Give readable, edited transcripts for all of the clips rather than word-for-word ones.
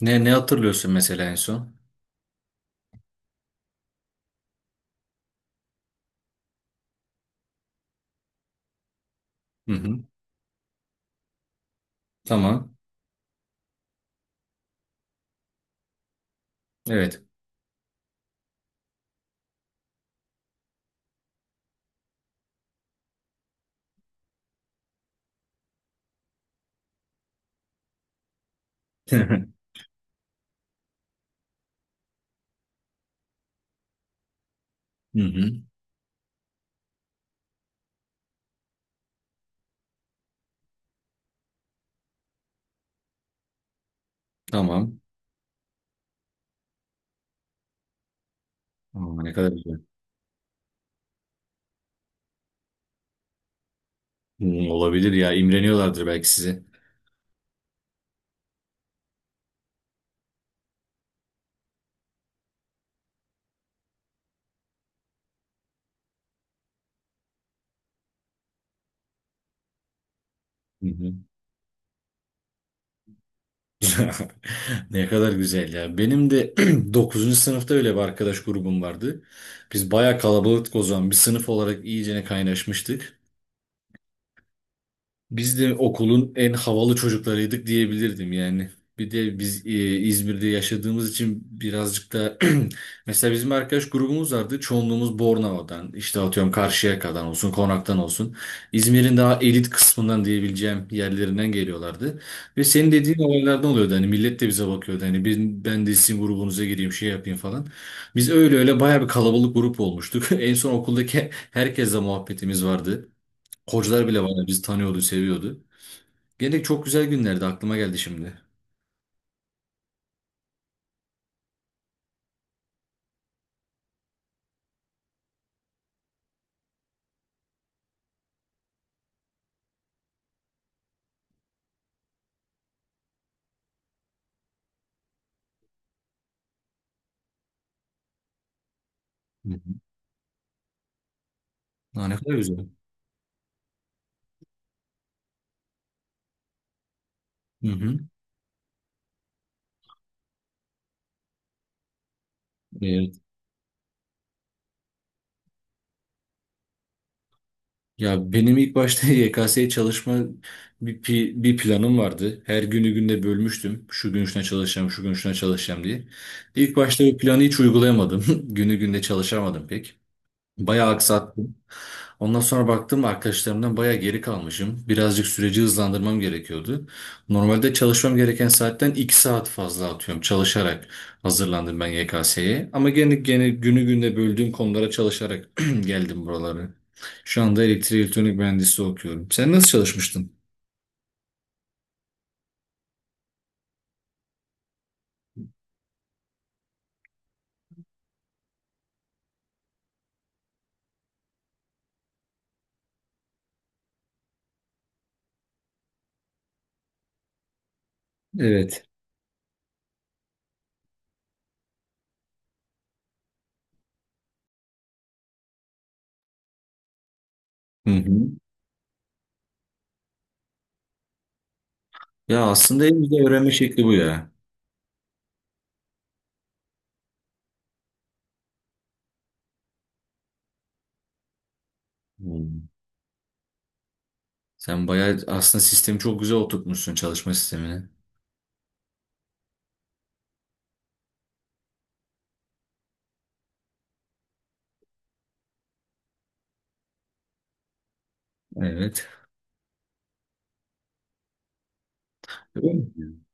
Ne hatırlıyorsun mesela en son? Hı hı. Tamam. Evet. Hı hı. Tamam. Aa, ne kadar güzel. Hı, olabilir ya. İmreniyorlardır belki size. Hı hı. Ne kadar güzel ya. Benim de dokuzuncu sınıfta öyle bir arkadaş grubum vardı. Biz bayağı kalabalıktık o zaman. Bir sınıf olarak iyicene kaynaşmıştık. Biz de okulun en havalı çocuklarıydık diyebilirdim yani. Bir de biz İzmir'de yaşadığımız için birazcık da mesela bizim arkadaş grubumuz vardı. Çoğunluğumuz Bornova'dan, işte atıyorum Karşıyaka'dan olsun, Konak'tan olsun. İzmir'in daha elit kısmından diyebileceğim yerlerinden geliyorlardı. Ve senin dediğin olaylardan oluyordu. Hani millet de bize bakıyordu. Hani ben de sizin grubunuza gireyim, şey yapayım falan. Biz öyle öyle bayağı bir kalabalık grup olmuştuk. En son okuldaki herkesle muhabbetimiz vardı. Hocalar bile bayağı bizi tanıyordu, seviyordu. Gene çok güzel günlerdi aklıma geldi şimdi. Hı hı. Ha, ne kadar güzel. Hı hı. Evet. Ya benim ilk başta YKS'ye çalışma bir planım vardı. Her günü günde bölmüştüm. Şu gün şuna çalışacağım, şu gün şuna çalışacağım diye. İlk başta bu planı hiç uygulayamadım. Günü günde çalışamadım pek. Bayağı aksattım. Ondan sonra baktım arkadaşlarımdan bayağı geri kalmışım. Birazcık süreci hızlandırmam gerekiyordu. Normalde çalışmam gereken saatten 2 saat fazla atıyorum çalışarak hazırlandım ben YKS'ye. Ama gene günü gününe böldüğüm konulara çalışarak geldim buralara. Şu anda elektrik elektronik mühendisliği okuyorum. Sen nasıl çalışmıştın? Evet. Hı hı. Ya aslında en güzel öğrenme şekli bu ya. Hmm. Sen bayağı aslında sistemi çok güzel oturtmuşsun çalışma sistemini. Evet. Öyle mi?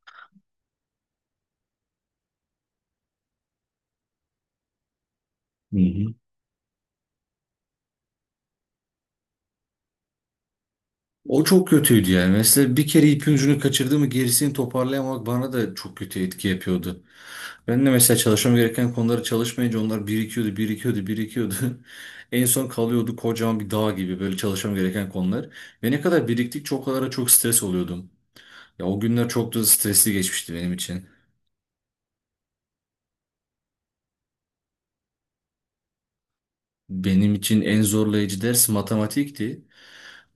Hı hı. O çok kötüydü yani. Mesela bir kere ipin ucunu kaçırdı mı gerisini toparlayamamak bana da çok kötü etki yapıyordu. Ben de mesela çalışmam gereken konuları çalışmayınca onlar birikiyordu, birikiyordu, birikiyordu. En son kalıyordu kocaman bir dağ gibi böyle çalışmam gereken konular. Ve ne kadar biriktikçe o kadar da çok stres oluyordum. Ya o günler çok da stresli geçmişti benim için. Benim için en zorlayıcı ders matematikti.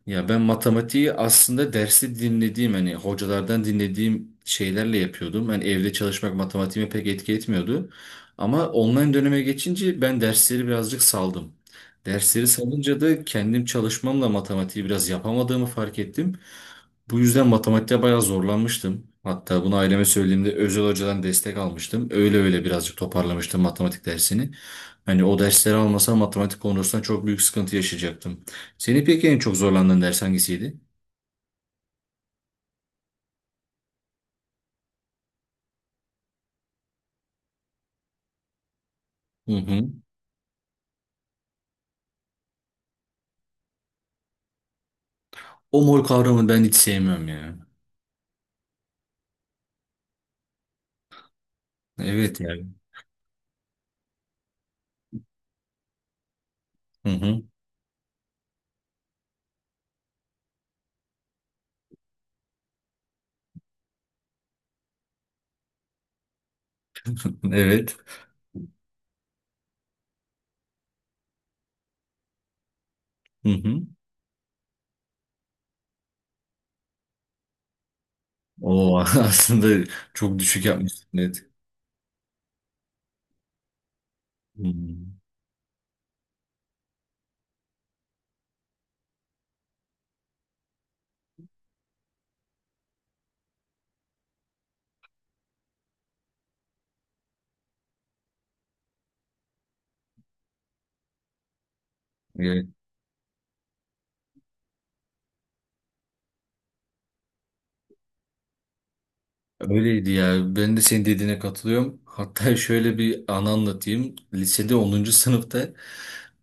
Ya ben matematiği aslında dersi dinlediğim hani hocalardan dinlediğim şeylerle yapıyordum. Hani evde çalışmak matematiğime pek etki etmiyordu. Ama online döneme geçince ben dersleri birazcık saldım. Dersleri salınca da kendim çalışmamla matematiği biraz yapamadığımı fark ettim. Bu yüzden matematikte bayağı zorlanmıştım. Hatta bunu aileme söylediğimde özel hocadan destek almıştım. Öyle öyle birazcık toparlamıştım matematik dersini. Hani o dersleri almasam matematik konusunda çok büyük sıkıntı yaşayacaktım. Seni peki en çok zorlandığın ders hangisiydi? Hı hı. O mor kavramı ben hiç sevmiyorum ya. Evet ya. Hı hı. Evet. Hı hı. O aslında çok düşük yapmışsın. Evet. Hı hı. Öyleydi ya. Ben de senin dediğine katılıyorum. Hatta şöyle bir anı anlatayım. Lisede onuncu sınıfta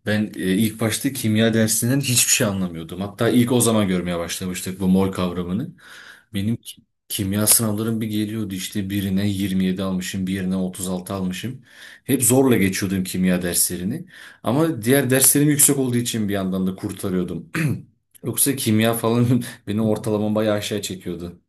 ben ilk başta kimya dersinden hiçbir şey anlamıyordum. Hatta ilk o zaman görmeye başlamıştık bu mol kavramını. Benim ki- Kimya sınavlarım bir geliyordu işte birine 27 almışım, birine 36 almışım. Hep zorla geçiyordum kimya derslerini. Ama diğer derslerim yüksek olduğu için bir yandan da kurtarıyordum. Yoksa kimya falan beni ortalamam bayağı aşağı çekiyordu.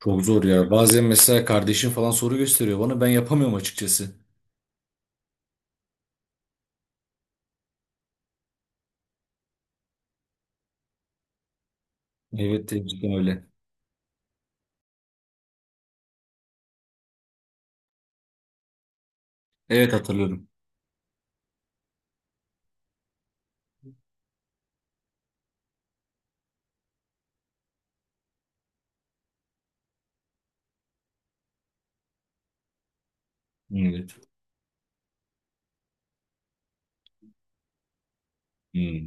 Çok zor ya. Bazen mesela kardeşim falan soru gösteriyor bana. Ben yapamıyorum açıkçası. Evet, gerçekten öyle. Evet hatırlıyorum. Evet. Hmm.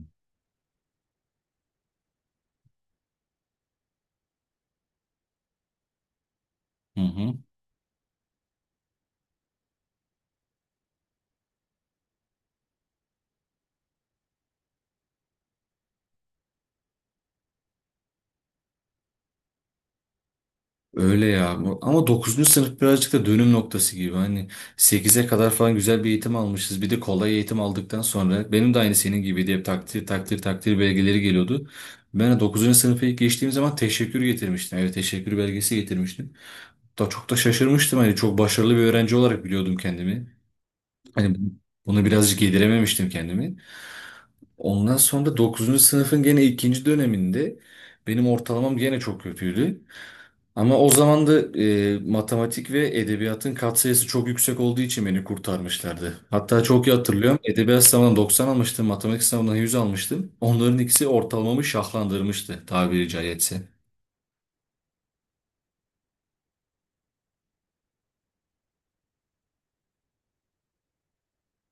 Hı hı. Öyle ya. Ama dokuzuncu sınıf birazcık da dönüm noktası gibi. Hani sekize kadar falan güzel bir eğitim almışız. Bir de kolay eğitim aldıktan sonra benim de aynı senin gibiydi. Hep takdir takdir takdir belgeleri geliyordu. Ben de dokuzuncu sınıfa ilk geçtiğim zaman teşekkür getirmiştim. Evet teşekkür belgesi getirmiştim. Da çok da şaşırmıştım. Hani çok başarılı bir öğrenci olarak biliyordum kendimi. Hani bunu birazcık yedirememiştim kendimi. Ondan sonra dokuzuncu sınıfın gene ikinci döneminde benim ortalamam gene çok kötüydü. Ama o zaman da matematik ve edebiyatın katsayısı çok yüksek olduğu için beni kurtarmışlardı. Hatta çok iyi hatırlıyorum. Edebiyat sınavından 90 almıştım, matematik sınavından 100 almıştım. Onların ikisi ortalamamı şahlandırmıştı tabiri caizse.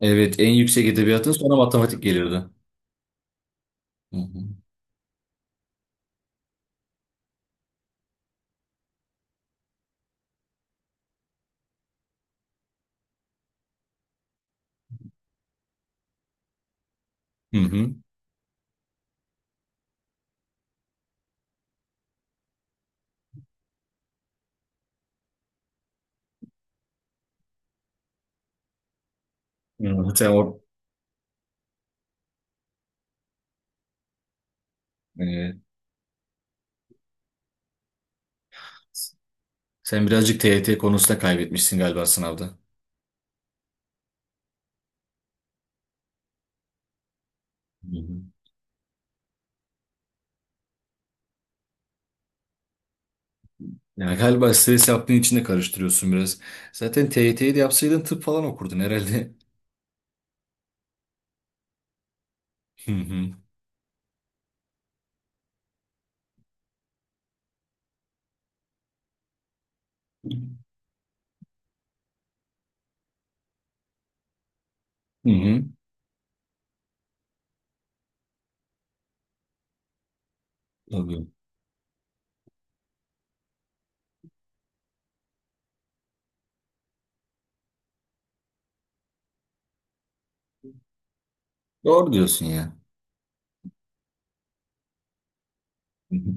Evet, en yüksek edebiyatın sonra matematik gelirdi. Hı hı. Hı hı. Hı hı. Sen o... Evet. Sen birazcık TYT konusunda kaybetmişsin galiba sınavda. Hı hı. Yani galiba stres yaptığın için de karıştırıyorsun biraz. Zaten TYT'yi de yapsaydın tıp falan okurdun herhalde. Hı hı. Hı hı. Tabii. Doğru diyorsun ya. Hı hı.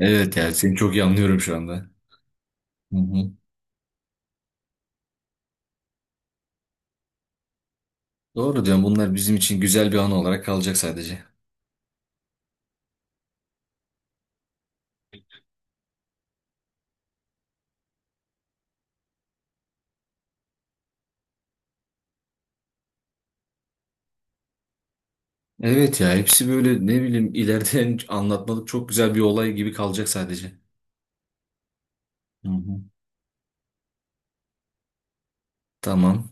Evet ya seni çok iyi anlıyorum şu anda. Hı hı. Doğru diyorsun bunlar bizim için güzel bir anı olarak kalacak sadece. Evet ya hepsi böyle ne bileyim ileriden anlatmalık çok güzel bir olay gibi kalacak sadece. Hı hı. Tamam.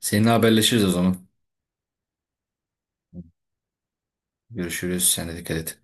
Seninle haberleşiriz o zaman. Görüşürüz. Sen de dikkat et.